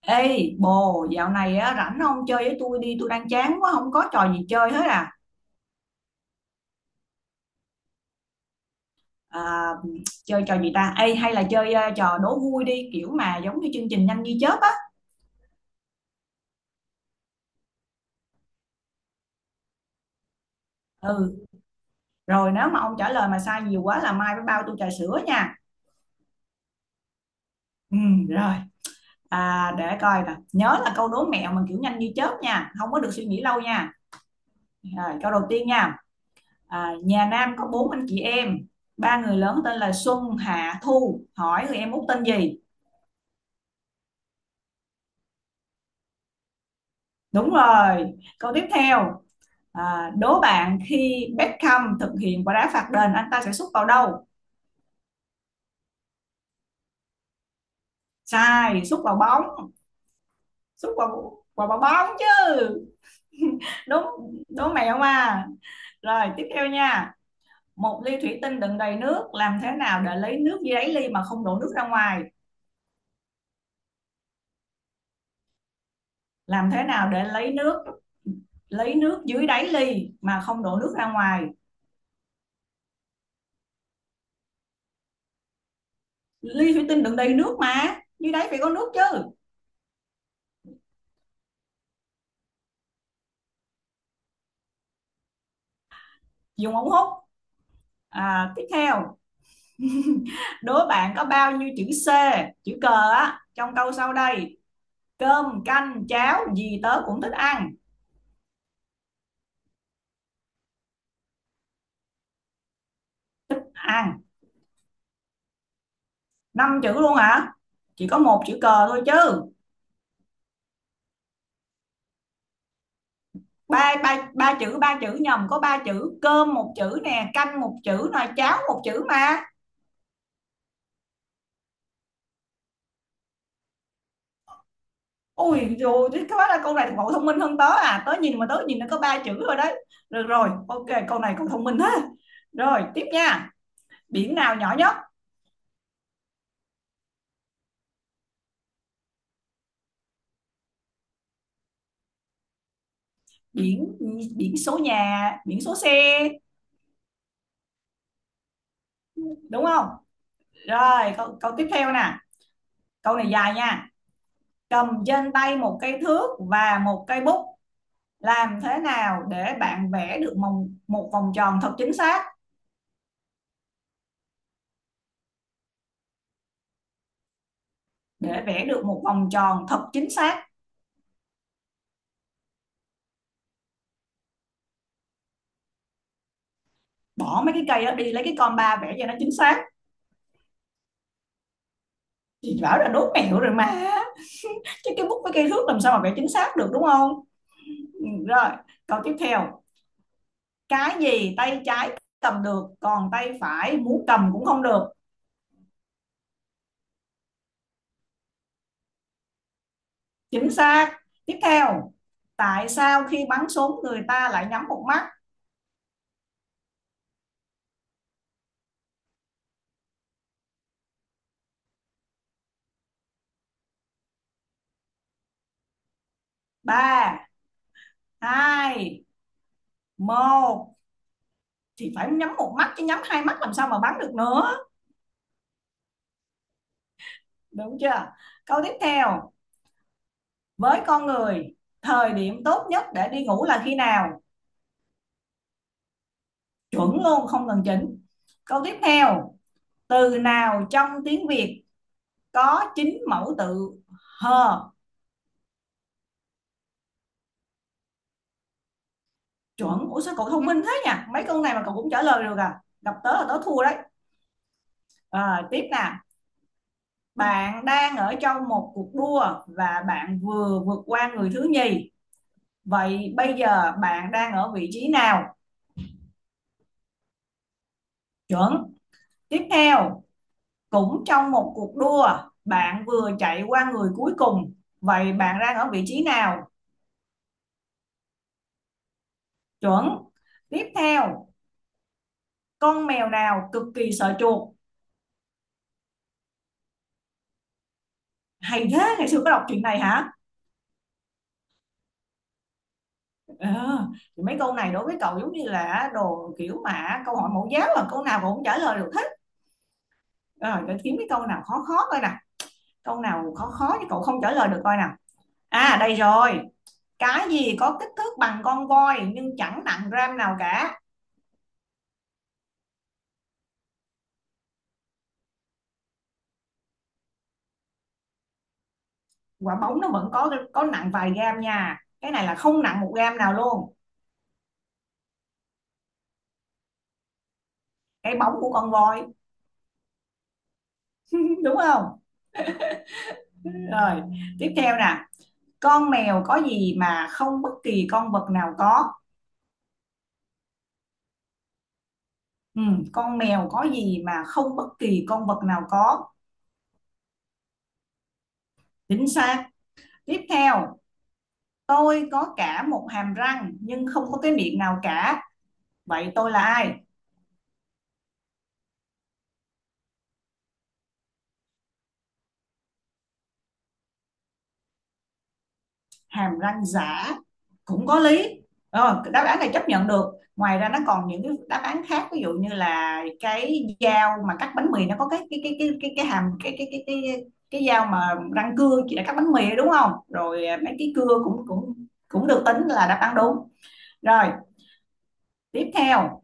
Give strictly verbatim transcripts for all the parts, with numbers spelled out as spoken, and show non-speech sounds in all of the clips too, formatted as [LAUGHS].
Ê bồ, dạo này á, rảnh không chơi với tôi đi, tôi đang chán quá, không có trò gì chơi hết à. à Chơi trò gì ta? Ê, hay là chơi ờ, trò đố vui đi, kiểu mà giống như chương trình Nhanh Như Chớp á. Ừ, rồi nếu mà ông trả lời mà sai nhiều quá là mai phải bao tôi trà sữa nha. Ừ, rồi. À, để coi nè, nhớ là câu đố mẹo mà kiểu nhanh như chớp nha, không có được suy nghĩ lâu nha. Rồi, câu đầu tiên nha. À, nhà Nam có bốn anh chị em, ba người lớn tên là Xuân, Hạ, Thu, hỏi người em út tên gì? Đúng rồi. Câu tiếp theo. À, đố bạn khi Beckham thực hiện quả đá phạt đền, anh ta sẽ sút vào đâu? Sai, sút vào bóng. Sút vào vào vào bóng chứ. [LAUGHS] Đúng, đố mẹo mà. Rồi, tiếp theo nha. Một ly thủy tinh đựng đầy nước, làm thế nào để lấy nước dưới đáy ly mà không đổ nước ra ngoài? Làm thế nào để lấy nước lấy nước dưới đáy ly mà không đổ nước ra ngoài? Ly thủy tinh đựng đầy nước mà, dưới đáy phải có nước chứ. Dùng ống hút. À, tiếp theo, đố bạn có bao nhiêu chữ C, chữ cờ á, trong câu sau đây? Cơm, canh, cháo gì tớ cũng thích ăn. Ăn năm chữ luôn hả? Chỉ có một chữ cờ thôi chứ. Ba ba ba chữ, ba chữ nhầm, có ba chữ, cơm một chữ nè, canh một chữ nè, cháo một chữ mà. Ôi rồi thế quá là câu này cậu thông minh hơn tớ à, tớ nhìn mà tớ nhìn nó có ba chữ rồi đấy. Được rồi, ok, câu này cậu thông minh thế. Rồi, tiếp nha. Biển nào nhỏ nhất? Biển biển số nhà, biển số xe, đúng không? Rồi, câu, câu tiếp theo nè. Câu này dài nha. Cầm trên tay một cây thước và một cây bút, làm thế nào để bạn vẽ được một, một vòng tròn thật chính xác? Để vẽ được một vòng tròn thật chính xác. Bỏ mấy cái cây đó đi, lấy cái con ba vẽ cho nó chính xác. Chị bảo là đố mẹo rồi mà. [LAUGHS] Chứ cái bút với cây thước làm sao mà vẽ chính xác được, đúng không? Ừ, rồi, câu tiếp theo. Cái gì tay trái cầm được còn tay phải muốn cầm cũng không được. Chính xác. Tiếp theo, tại sao khi bắn súng người ta lại nhắm một mắt? Ba, hai, một, thì phải nhắm một mắt chứ, nhắm hai mắt làm sao mà bắn được nữa. Đúng chưa? Câu tiếp theo, với con người, thời điểm tốt nhất để đi ngủ là khi nào? Chuẩn luôn không cần chỉnh. Câu tiếp theo, từ nào trong tiếng Việt có chín mẫu tự hờ? Chuẩn, ủa sao cậu thông minh thế nhỉ, mấy câu này mà cậu cũng trả lời được à, gặp tớ là tớ thua đấy. À, tiếp nè, bạn đang ở trong một cuộc đua và bạn vừa vượt qua người thứ nhì, vậy bây giờ bạn đang ở vị trí nào? Chuẩn. Tiếp theo, cũng trong một cuộc đua, bạn vừa chạy qua người cuối cùng, vậy bạn đang ở vị trí nào? Chuẩn. Tiếp theo, con mèo nào cực kỳ sợ chuột? Hay thế, ngày xưa có đọc chuyện này hả? Ờ, thì mấy câu này đối với cậu giống như là đồ kiểu mà câu hỏi mẫu giáo, là câu nào cậu cũng trả lời được hết. Rồi, để kiếm cái câu nào khó khó coi nè, câu nào khó khó chứ cậu không trả lời được coi nào. À, đây rồi, cái gì có kích thước bằng con voi nhưng chẳng nặng gram nào cả? Quả bóng nó vẫn có có nặng vài gram nha, cái này là không nặng một gram nào luôn. Cái bóng của con voi. [LAUGHS] Đúng không? Rồi, tiếp theo nè, con mèo có gì mà không bất kỳ con vật nào có? Ừ, con mèo có gì mà không bất kỳ con vật nào có? Chính xác. Tiếp theo, tôi có cả một hàm răng nhưng không có cái miệng nào cả, vậy tôi là ai? Hàm răng giả cũng có lý, rồi đáp án này chấp nhận được. Ngoài ra nó còn những cái đáp án khác, ví dụ như là cái dao mà cắt bánh mì, nó có cái cái cái cái cái, cái hàm, cái cái cái cái cái dao mà răng cưa, chỉ để cắt bánh mì, đúng không? Rồi, à, mấy cái cưa cũng cũng cũng được tính là đáp án đúng. Rồi, tiếp theo,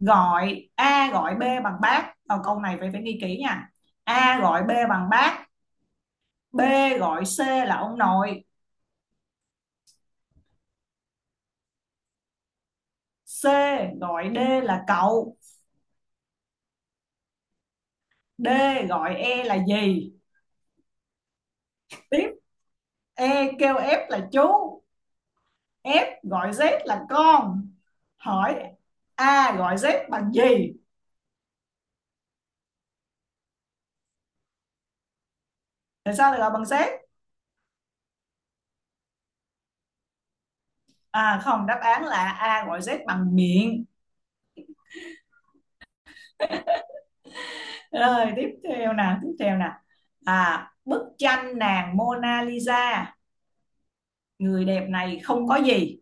gọi A gọi B bằng bác. Ờ, câu này phải phải ghi kỹ nha. A gọi B bằng bác, B gọi C là ông nội, C gọi D là cậu, D gọi E là gì? Tiếp, E kêu F là chú, F gọi Z là con. Hỏi A gọi Z bằng gì? Tại sao lại gọi bằng Z? À không, đáp án là A gọi Z bằng miệng. Rồi tiếp theo nè, tiếp theo nè. À, bức tranh nàng Mona Lisa, người đẹp này không có gì?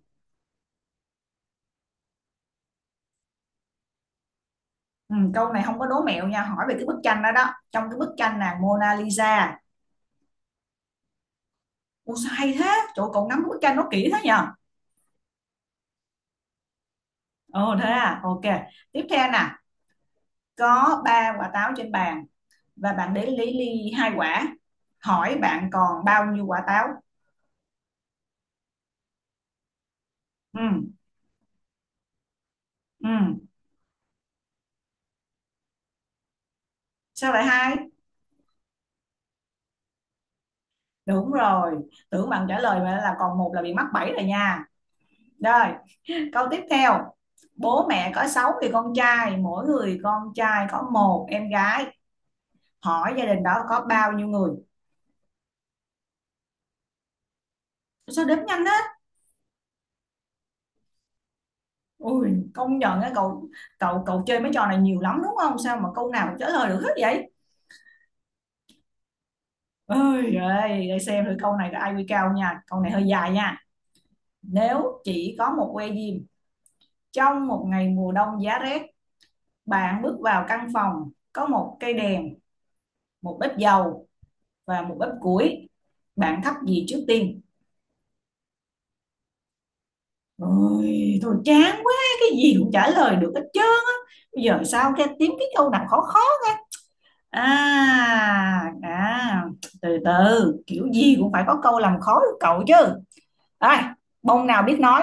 Ừ, câu này không có đố mẹo nha, hỏi về cái bức tranh đó đó, trong cái bức tranh nàng Mona Lisa. Ủa sao hay thế? Chỗ cậu ngắm bức tranh nó kỹ thế nhờ? Ồ thế à, ok. Tiếp theo nè, có ba quả táo trên bàn và bạn đến lấy ly hai quả, hỏi bạn còn bao nhiêu quả táo? Ừ, ừ, sao lại hai? Đúng rồi, tưởng bạn trả lời mà là còn một là bị mắc bẫy rồi nha. Rồi, câu tiếp theo, bố mẹ có sáu người con trai, mỗi người con trai có một em gái, hỏi gia đình đó có bao nhiêu người? Sao đếm nhanh á, ui công nhận á cậu, cậu cậu chơi mấy trò này nhiều lắm đúng không, sao mà câu nào cũng trả lời được hết vậy? Ôi giời, để xem thử câu này có ai kiu cao nha. Câu này hơi dài nha. Nếu chỉ có một que diêm trong một ngày mùa đông giá rét, bạn bước vào căn phòng có một cây đèn, một bếp dầu và một bếp củi, bạn thắp gì trước tiên? Ôi, thôi chán quá, cái gì cũng trả lời được hết trơn á. Bây giờ sao cái kiếm cái câu nào khó khó? À, à, Từ từ, kiểu gì cũng phải có câu làm khó được cậu chứ. Ai, bông nào biết nói?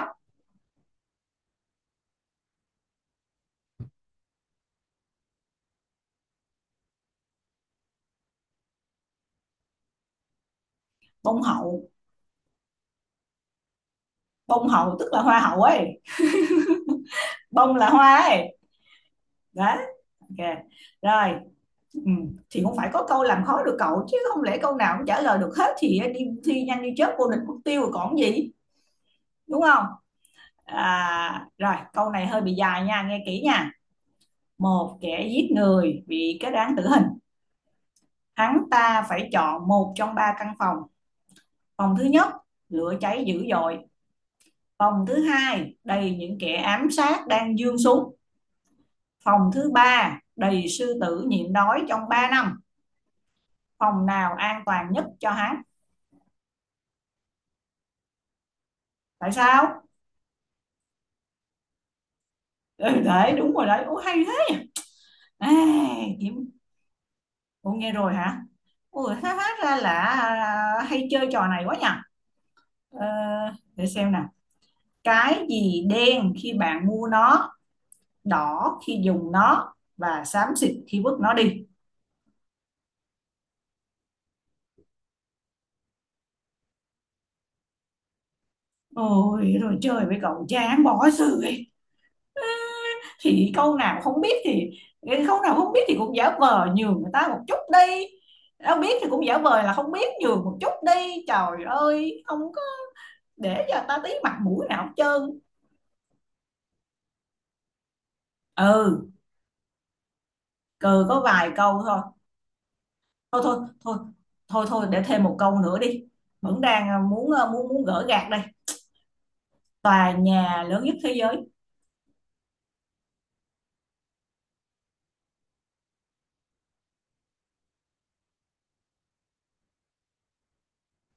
Bông hậu. Bông hậu tức là hoa hậu ấy, bông là hoa ấy, đó, ok. Rồi, ừ, thì cũng phải có câu làm khó được cậu chứ, không lẽ câu nào cũng trả lời được hết thì đi thi Nhanh Như Chớp vô địch mất tiêu rồi còn gì, đúng không? À, rồi, câu này hơi bị dài nha, nghe kỹ nha. Một kẻ giết người bị kết án tử hình, hắn ta phải chọn một trong ba căn phòng. Phòng thứ nhất lửa cháy dữ dội, phòng thứ hai đầy những kẻ ám sát đang giương súng, phòng thứ ba đầy sư tử nhịn đói trong ba năm. Phòng nào an toàn nhất cho hát? Tại sao? Ừ, đấy, đúng rồi đấy. Ủa hay thế. À, kiếm... Ủa nghe rồi hả? Ủa hát, hát ra là à, hay chơi trò này quá nhỉ. Ờ, để xem nào. Cái gì đen khi bạn mua nó, đỏ khi dùng nó và xám xịt khi vứt nó đi? Ôi rồi chơi với cậu chán bỏ sự, thì câu nào không biết thì, cái câu nào không biết thì cũng giả vờ nhường người ta một chút đi, đâu biết thì cũng giả vờ là không biết nhường một chút đi, trời ơi không có, để cho ta tí mặt mũi nào hết trơn. Ừ, cừ có vài câu thôi thôi thôi thôi thôi thôi, để thêm một câu nữa đi, vẫn đang à, muốn à, muốn muốn gỡ gạc đây. Tòa nhà lớn nhất thế giới.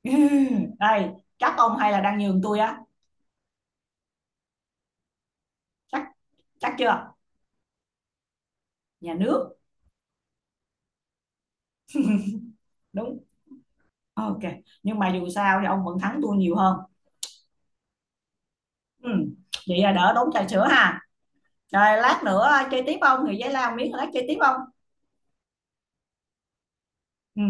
[LAUGHS] Đây, chắc ông hay là đang nhường tôi á? Chắc chắc chưa? Nhà nước. Đúng, ok, nhưng mà dù sao thì ông vẫn thắng tôi nhiều hơn. Ừ. Vậy là đỡ tốn trà sữa ha. Rồi lát nữa chơi tiếp không? Người giấy lao miếng lát chơi tiếp không? Ừ.